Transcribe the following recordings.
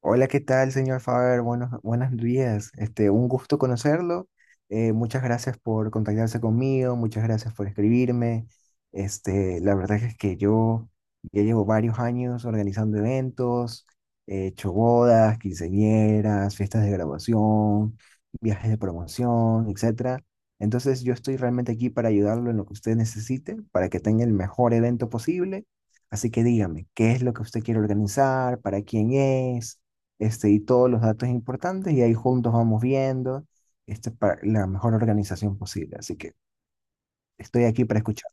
Hola, ¿qué tal, señor Faber? Buenos días. Un gusto conocerlo. Muchas gracias por contactarse conmigo, muchas gracias por escribirme. La verdad es que yo ya llevo varios años organizando eventos, he hecho bodas, quinceañeras, fiestas de graduación, viajes de promoción, etcétera. Entonces, yo estoy realmente aquí para ayudarlo en lo que usted necesite, para que tenga el mejor evento posible. Así que dígame, ¿qué es lo que usted quiere organizar? ¿Para quién es? Y todos los datos importantes y ahí juntos vamos viendo, para la mejor organización posible. Así que estoy aquí para escuchar.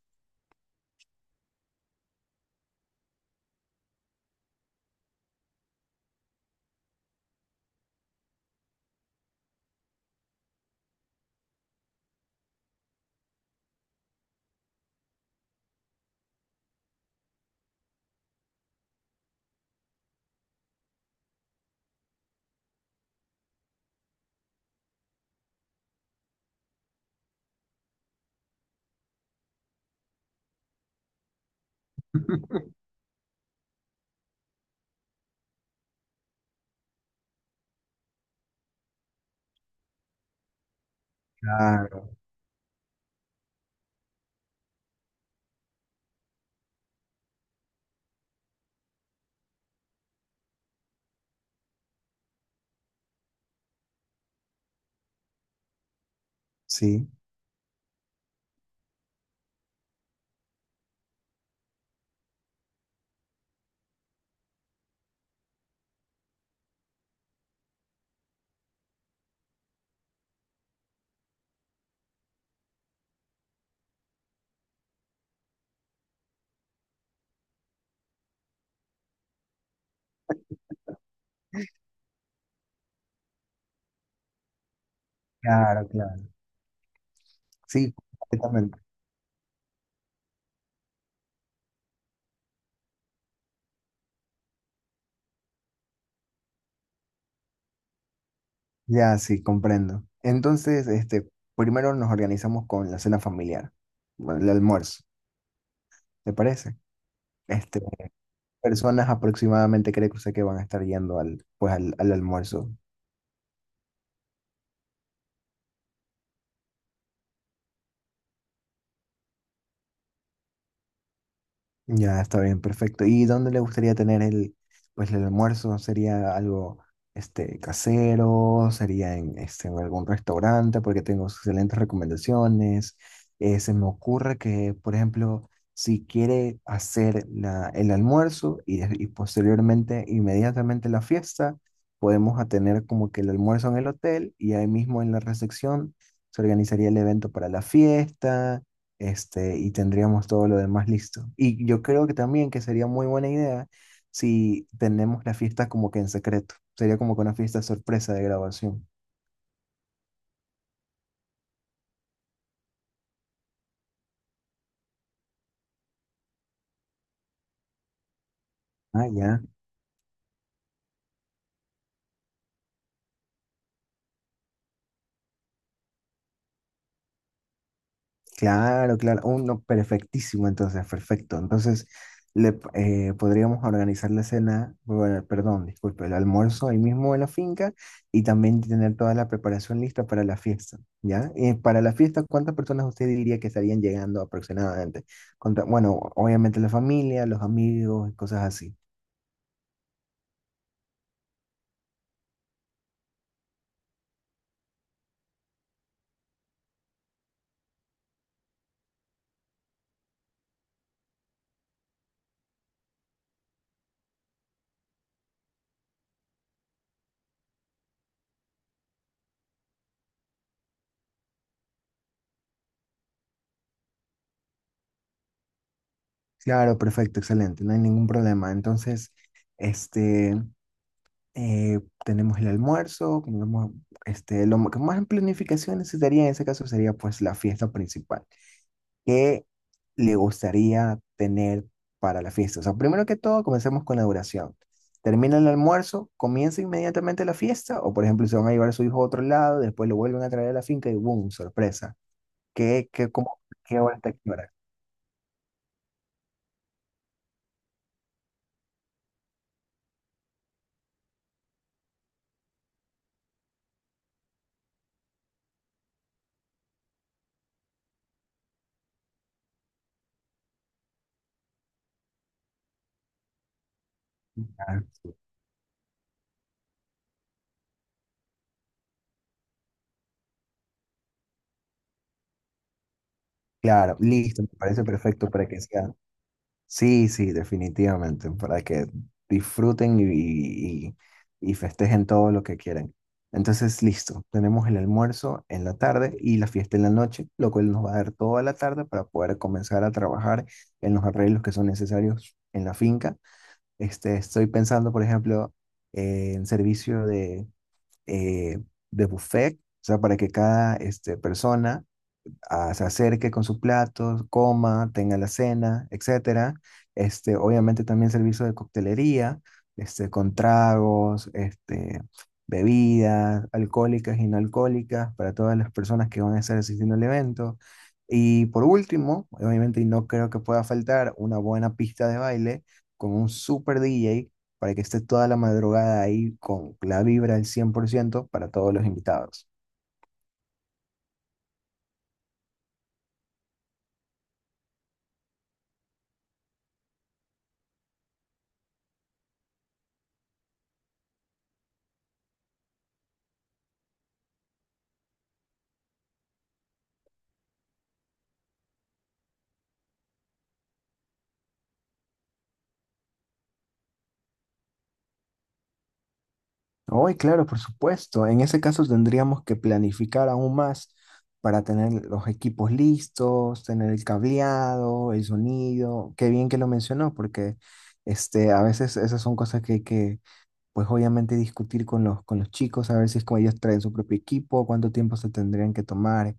Claro, sí, claro, claro. Sí, completamente. Ya, sí, comprendo. Entonces, primero nos organizamos con la cena familiar, bueno, el almuerzo, ¿te parece? Este, Personas aproximadamente creo que sé que van a estar yendo al almuerzo. Ya, está bien, perfecto. ¿Y dónde le gustaría tener pues el almuerzo? ¿Sería algo casero? ¿Sería en, en algún restaurante? Porque tengo excelentes recomendaciones. Se me ocurre que, por ejemplo, si quiere hacer el almuerzo y, y posteriormente, inmediatamente la fiesta, podemos a tener como que el almuerzo en el hotel y ahí mismo en la recepción se organizaría el evento para la fiesta, y tendríamos todo lo demás listo. Y yo creo que también que sería muy buena idea si tenemos la fiesta como que en secreto. Sería como que una fiesta sorpresa de grabación. Ah, ya. Claro, claro, uno perfectísimo, entonces, perfecto. Entonces, podríamos organizar la cena, bueno, perdón, disculpe, el almuerzo ahí mismo en la finca y también tener toda la preparación lista para la fiesta, ¿ya? Y para la fiesta, ¿cuántas personas usted diría que estarían llegando aproximadamente? Bueno, obviamente la familia, los amigos y cosas así. Claro, perfecto, excelente, no hay ningún problema. Entonces, este... eh, tenemos el almuerzo, tenemos, lo que más en planificación necesitaría en ese caso sería pues la fiesta principal. ¿Qué le gustaría tener para la fiesta? O sea, primero que todo, comencemos con la duración. ¿Termina el almuerzo? ¿Comienza inmediatamente la fiesta? O por ejemplo, se van a llevar a su hijo a otro lado, después lo vuelven a traer a la finca y ¡boom! ¡Sorpresa! ¿Qué, qué, cómo, qué hora está aquí? Claro, listo, me parece perfecto para que sea. Sí, sí, definitivamente, para que disfruten y festejen todo lo que quieran. Entonces, listo, tenemos el almuerzo en la tarde y la fiesta en la noche, lo cual nos va a dar toda la tarde para poder comenzar a trabajar en los arreglos que son necesarios en la finca. Estoy pensando, por ejemplo, en servicio eh, de buffet, o sea, para que cada persona se acerque con su plato, coma, tenga la cena, etcétera. Obviamente también servicio de coctelería, con tragos, bebidas alcohólicas y no alcohólicas para todas las personas que van a estar asistiendo al evento. Y por último, obviamente, y no creo que pueda faltar, una buena pista de baile con un super DJ para que esté toda la madrugada ahí con la vibra al 100% para todos los invitados. Hoy, claro, por supuesto. En ese caso tendríamos que planificar aún más para tener los equipos listos, tener el cableado, el sonido. Qué bien que lo mencionó, porque, a veces esas son cosas que hay que, pues obviamente discutir con con los chicos, a ver si es como ellos traen su propio equipo, cuánto tiempo se tendrían que tomar,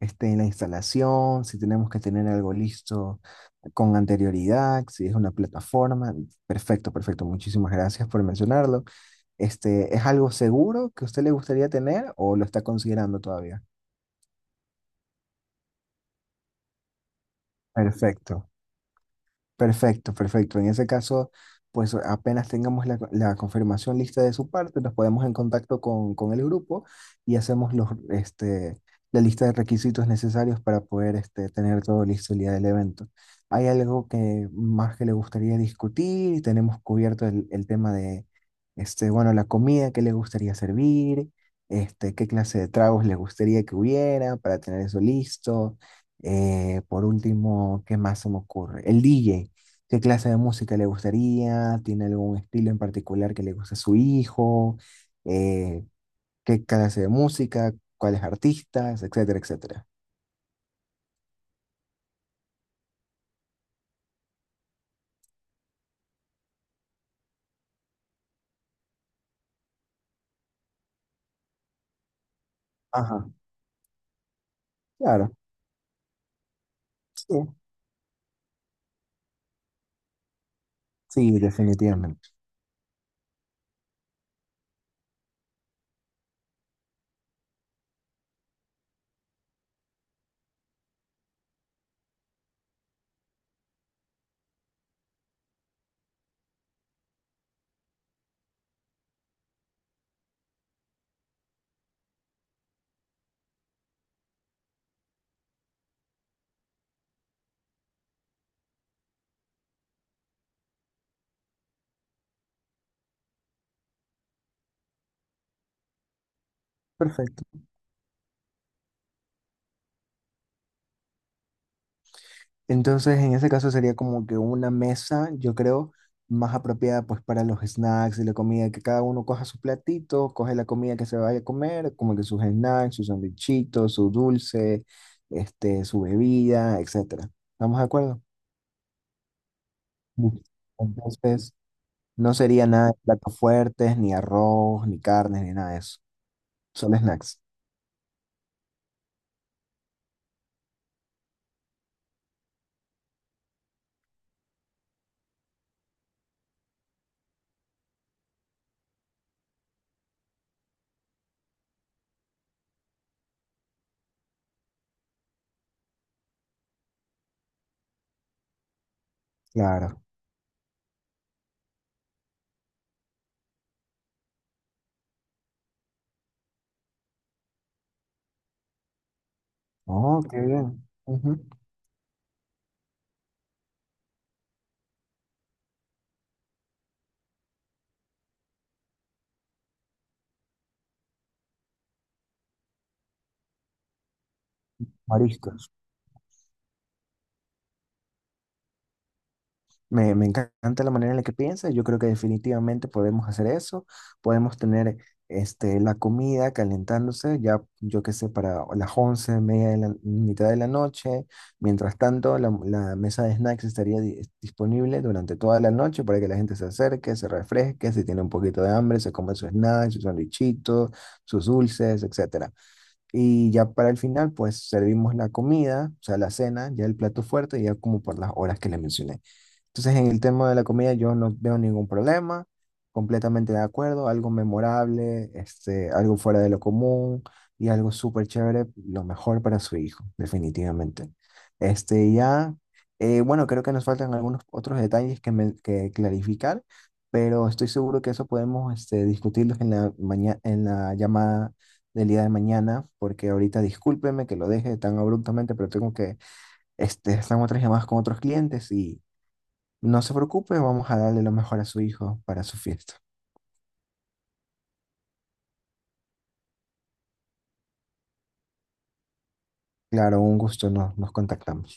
en la instalación, si tenemos que tener algo listo con anterioridad, si es una plataforma. Perfecto, perfecto. Muchísimas gracias por mencionarlo. ¿Es algo seguro que a usted le gustaría tener o lo está considerando todavía? Perfecto. Perfecto, perfecto. En ese caso, pues apenas tengamos la confirmación lista de su parte, nos ponemos en contacto con el grupo y hacemos la lista de requisitos necesarios para poder, tener todo listo el día del evento. ¿Hay algo que más que le gustaría discutir? Tenemos cubierto el tema de, bueno, la comida que le gustaría servir, qué clase de tragos le gustaría que hubiera para tener eso listo. Por último, ¿qué más se me ocurre? El DJ, qué clase de música le gustaría, tiene algún estilo en particular que le gusta a su hijo, eh, qué clase de música, cuáles artistas, etcétera, etcétera. Ajá, claro. Sí, sí, definitivamente. Perfecto. Entonces, en ese caso sería como que una mesa, yo creo, más apropiada pues para los snacks y la comida, que cada uno coja su platito, coge la comida que se vaya a comer, como que sus snacks, sus sandwichitos, su dulce, su bebida, etcétera. ¿Estamos de acuerdo? Uf. Entonces, no sería nada de platos fuertes, ni arroz, ni carnes, ni nada de eso. Solo snacks. Claro. Oh, qué bien. Ujú. Mariscos. Me encanta la manera en la que piensas. Yo creo que definitivamente podemos hacer eso. Podemos tener, la comida calentándose ya, yo qué sé, para las 11 media de la mitad de la noche. Mientras tanto, la mesa de snacks estaría disponible durante toda la noche para que la gente se acerque, se refresque, si tiene un poquito de hambre, se come sus snacks, sus sandwichitos, sus dulces, etcétera. Y ya para el final, pues servimos la comida, o sea, la cena, ya el plato fuerte, ya como por las horas que le mencioné. Entonces, en el tema de la comida yo no veo ningún problema, completamente de acuerdo, algo memorable, algo fuera de lo común y algo súper chévere, lo mejor para su hijo, definitivamente. Este, ya, bueno, creo que nos faltan algunos otros detalles que, que clarificar, pero estoy seguro que eso podemos, discutirlos en la en la llamada del día de mañana, porque ahorita discúlpeme que lo deje tan abruptamente, pero tengo que, están otras llamadas con otros clientes. No se preocupe, vamos a darle lo mejor a su hijo para su fiesta. Claro, un gusto, nos contactamos.